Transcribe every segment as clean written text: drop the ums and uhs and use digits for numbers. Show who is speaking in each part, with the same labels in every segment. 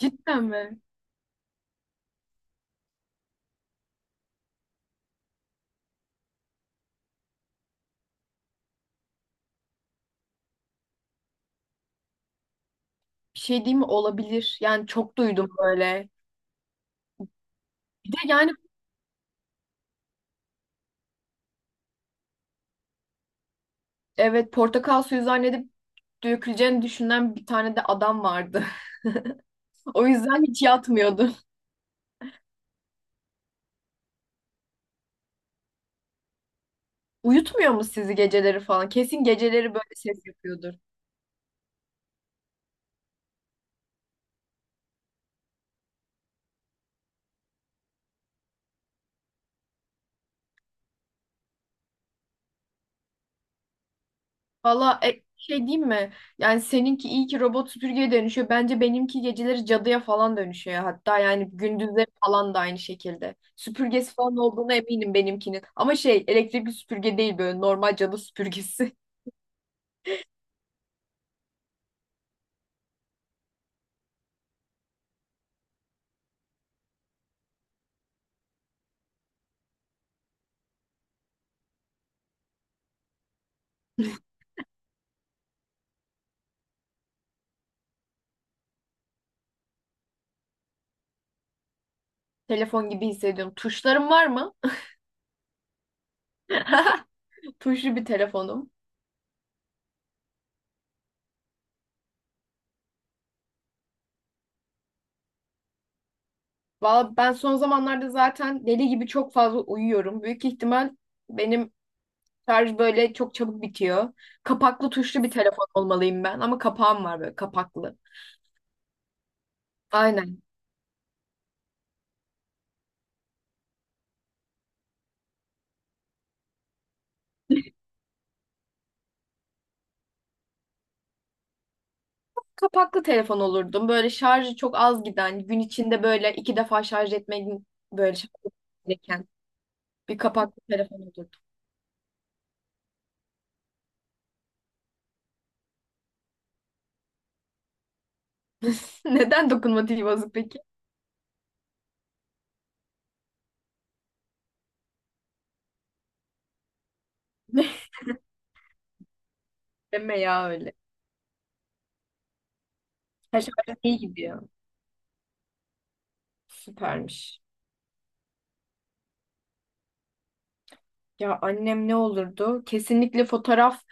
Speaker 1: Cidden mi? Bir şey diyeyim mi? Olabilir. Yani çok duydum böyle. Bir de yani. Evet, portakal suyu zannedip döküleceğini düşünen bir tane de adam vardı. O yüzden hiç yatmıyordu. Uyutmuyor mu sizi geceleri falan? Kesin geceleri böyle ses yapıyordur. Valla şey diyeyim mi? Yani seninki iyi ki robot süpürgeye dönüşüyor. Bence benimki geceleri cadıya falan dönüşüyor. Hatta yani gündüzleri falan da aynı şekilde. Süpürgesi falan olduğuna eminim benimkinin. Ama şey elektrikli süpürge değil, böyle normal cadı süpürgesi. Telefon gibi hissediyorum. Tuşlarım var mı? Tuşlu bir telefonum. Valla ben son zamanlarda zaten deli gibi çok fazla uyuyorum. Büyük ihtimal benim şarj böyle çok çabuk bitiyor. Kapaklı tuşlu bir telefon olmalıyım ben. Ama kapağım var, böyle kapaklı. Aynen. Kapaklı telefon olurdum. Böyle şarjı çok az giden, gün içinde böyle iki defa şarj etmenin, böyle şarj gereken bir kapaklı telefon olurdu. Neden dokunmatik vazo peki? Deme ya öyle. Her şarjı iyi gidiyor. Süpermiş. Ya annem ne olurdu? Kesinlikle fotoğraf,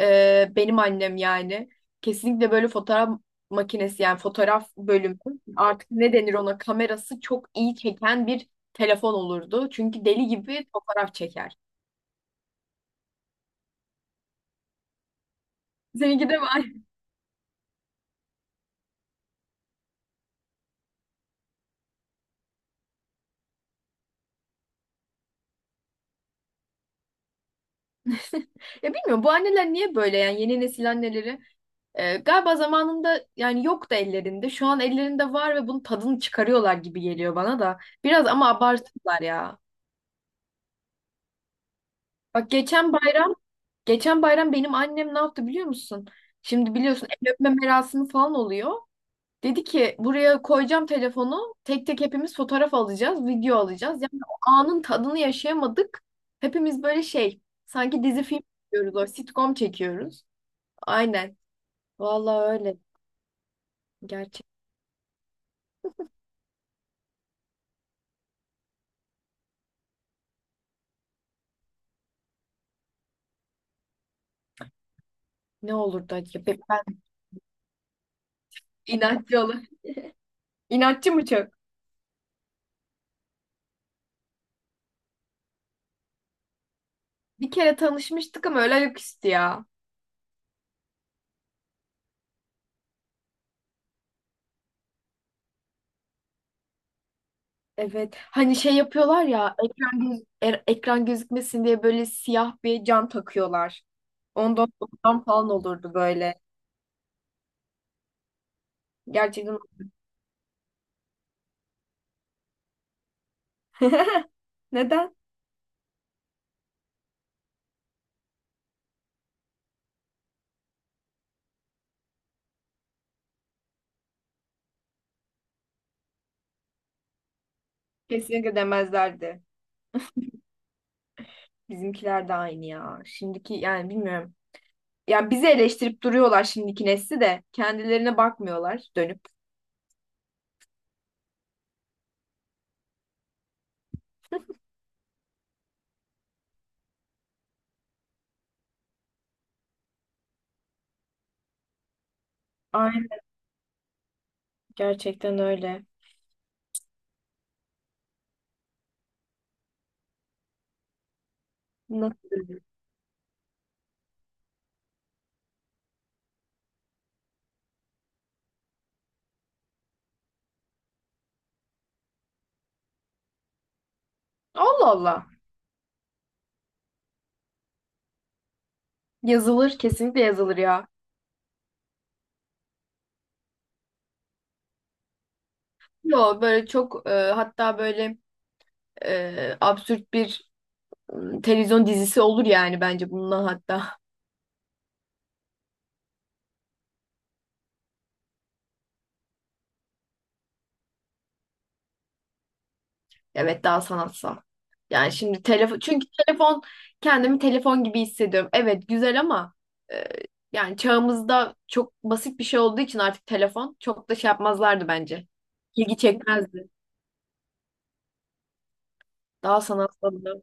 Speaker 1: benim annem yani. Kesinlikle böyle fotoğraf makinesi, yani fotoğraf bölümü artık ne denir, ona kamerası çok iyi çeken bir telefon olurdu. Çünkü deli gibi fotoğraf çeker. Seninki de var. Ya bilmiyorum, bu anneler niye böyle, yani yeni nesil anneleri galiba zamanında yani yoktu ellerinde. Şu an ellerinde var ve bunun tadını çıkarıyorlar gibi geliyor bana da. Biraz ama abarttılar ya. Bak, geçen bayram benim annem ne yaptı biliyor musun? Şimdi biliyorsun, el öpme merasimi falan oluyor. Dedi ki, buraya koyacağım telefonu, tek tek hepimiz fotoğraf alacağız, video alacağız. Yani o anın tadını yaşayamadık. Hepimiz böyle şey, sanki dizi film çekiyoruz, o sitcom çekiyoruz. Aynen. Vallahi öyle. Gerçek ne olurdu acaba? Ben inatçı olur. İnatçı mı çok? Bir kere tanışmıştık ama öyle ayaküstü ya. Evet. Hani şey yapıyorlar ya, ekran ekran gözükmesin diye böyle siyah bir cam takıyorlar. Ondan falan olurdu böyle. Gerçekten. Neden? Kesinlikle demezlerdi. Bizimkiler de aynı ya. Şimdiki yani bilmiyorum. Ya bizi eleştirip duruyorlar, şimdiki nesli de. Kendilerine bakmıyorlar dönüp. Gerçekten öyle. Nasıl? Allah Allah. Yazılır, kesinlikle yazılır ya. Yo, böyle çok hatta böyle absürt bir televizyon dizisi olur yani bence bundan hatta. Evet, daha sanatsal. Yani şimdi telefon, çünkü telefon kendimi telefon gibi hissediyorum. Evet, güzel ama e, yani çağımızda çok basit bir şey olduğu için artık telefon çok da şey yapmazlardı bence. İlgi çekmezdi. Daha sanatsal.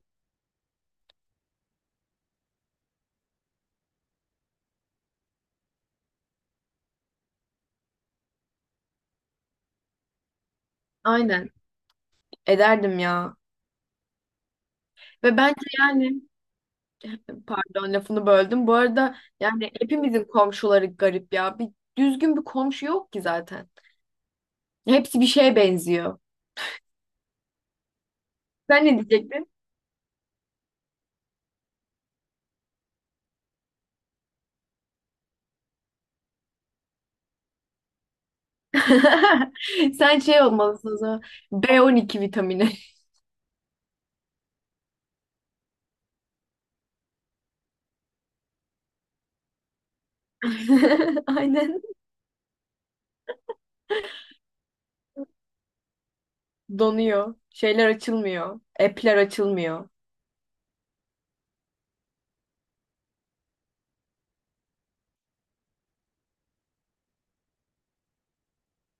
Speaker 1: Aynen ederdim ya. Ve bence yani. Pardon, lafını böldüm. Bu arada yani hepimizin komşuları garip ya. Bir düzgün bir komşu yok ki zaten. Hepsi bir şeye benziyor. Sen ne diyecektin? Sen şey olmalısın o zaman. B12 vitamini. Aynen. Donuyor. Şeyler açılmıyor. App'ler açılmıyor.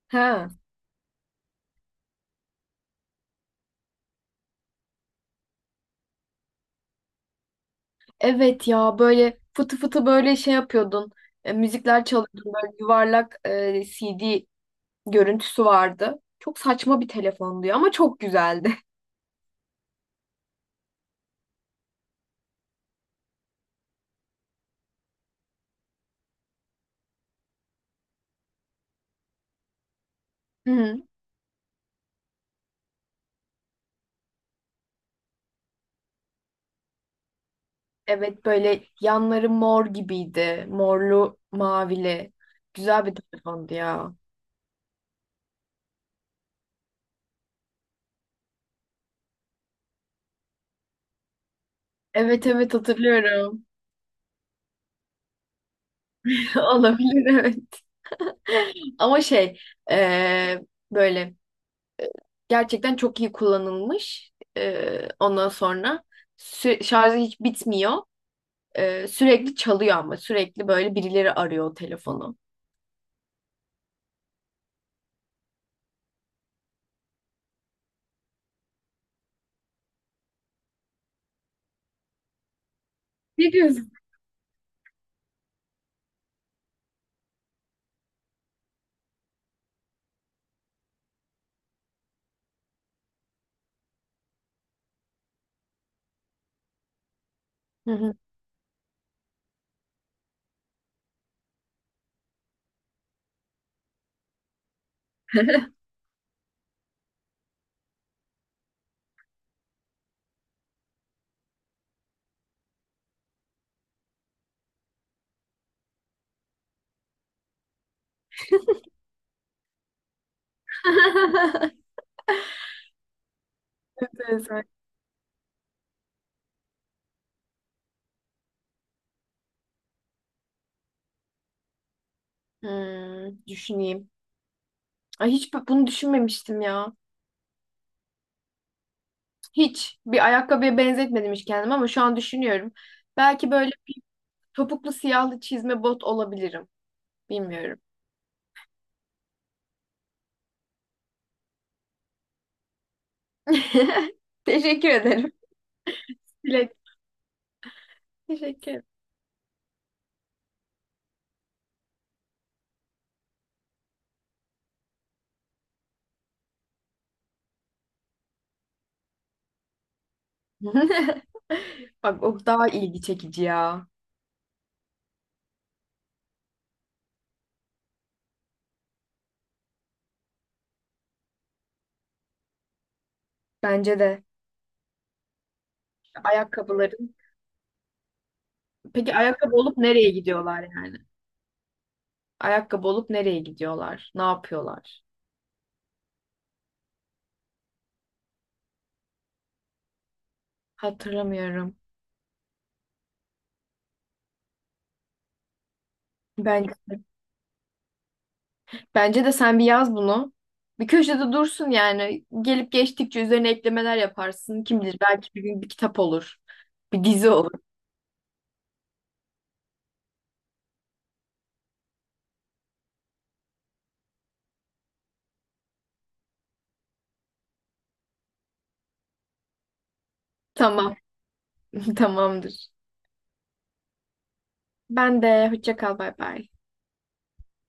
Speaker 1: Ha. Evet, ya böyle fıtı fıtı böyle şey yapıyordun. Müzikler çalıyordun. Böyle yuvarlak, CD görüntüsü vardı. Çok saçma bir telefondu ya ama çok güzeldi. Evet, böyle yanları mor gibiydi. Morlu, mavili. Güzel bir telefondu ya. Evet evet, hatırlıyorum. Olabilir, evet. Ama şey, eee, böyle gerçekten çok iyi kullanılmış. Ondan sonra şarjı hiç bitmiyor. Sürekli çalıyor ama sürekli böyle birileri arıyor o telefonu. Ne diyorsun? Hı hı. Evet, evet. Hmm, düşüneyim. Ay hiç bunu düşünmemiştim ya. Hiç bir ayakkabıya benzetmedim hiç kendimi ama şu an düşünüyorum. Belki böyle topuklu siyahlı çizme bot olabilirim. Bilmiyorum. Teşekkür ederim. Bilek. Teşekkür ederim. Bak, o daha ilgi çekici ya. Bence de ayakkabıların. Peki ayakkabı olup nereye gidiyorlar yani? Ayakkabı olup nereye gidiyorlar? Ne yapıyorlar? Hatırlamıyorum. Bence bence de sen bir yaz bunu. Bir köşede dursun yani. Gelip geçtikçe üzerine eklemeler yaparsın. Kim bilir, belki bir gün bir kitap olur. Bir dizi olur. Tamam, tamamdır. Ben de hoşça kal, bay bay.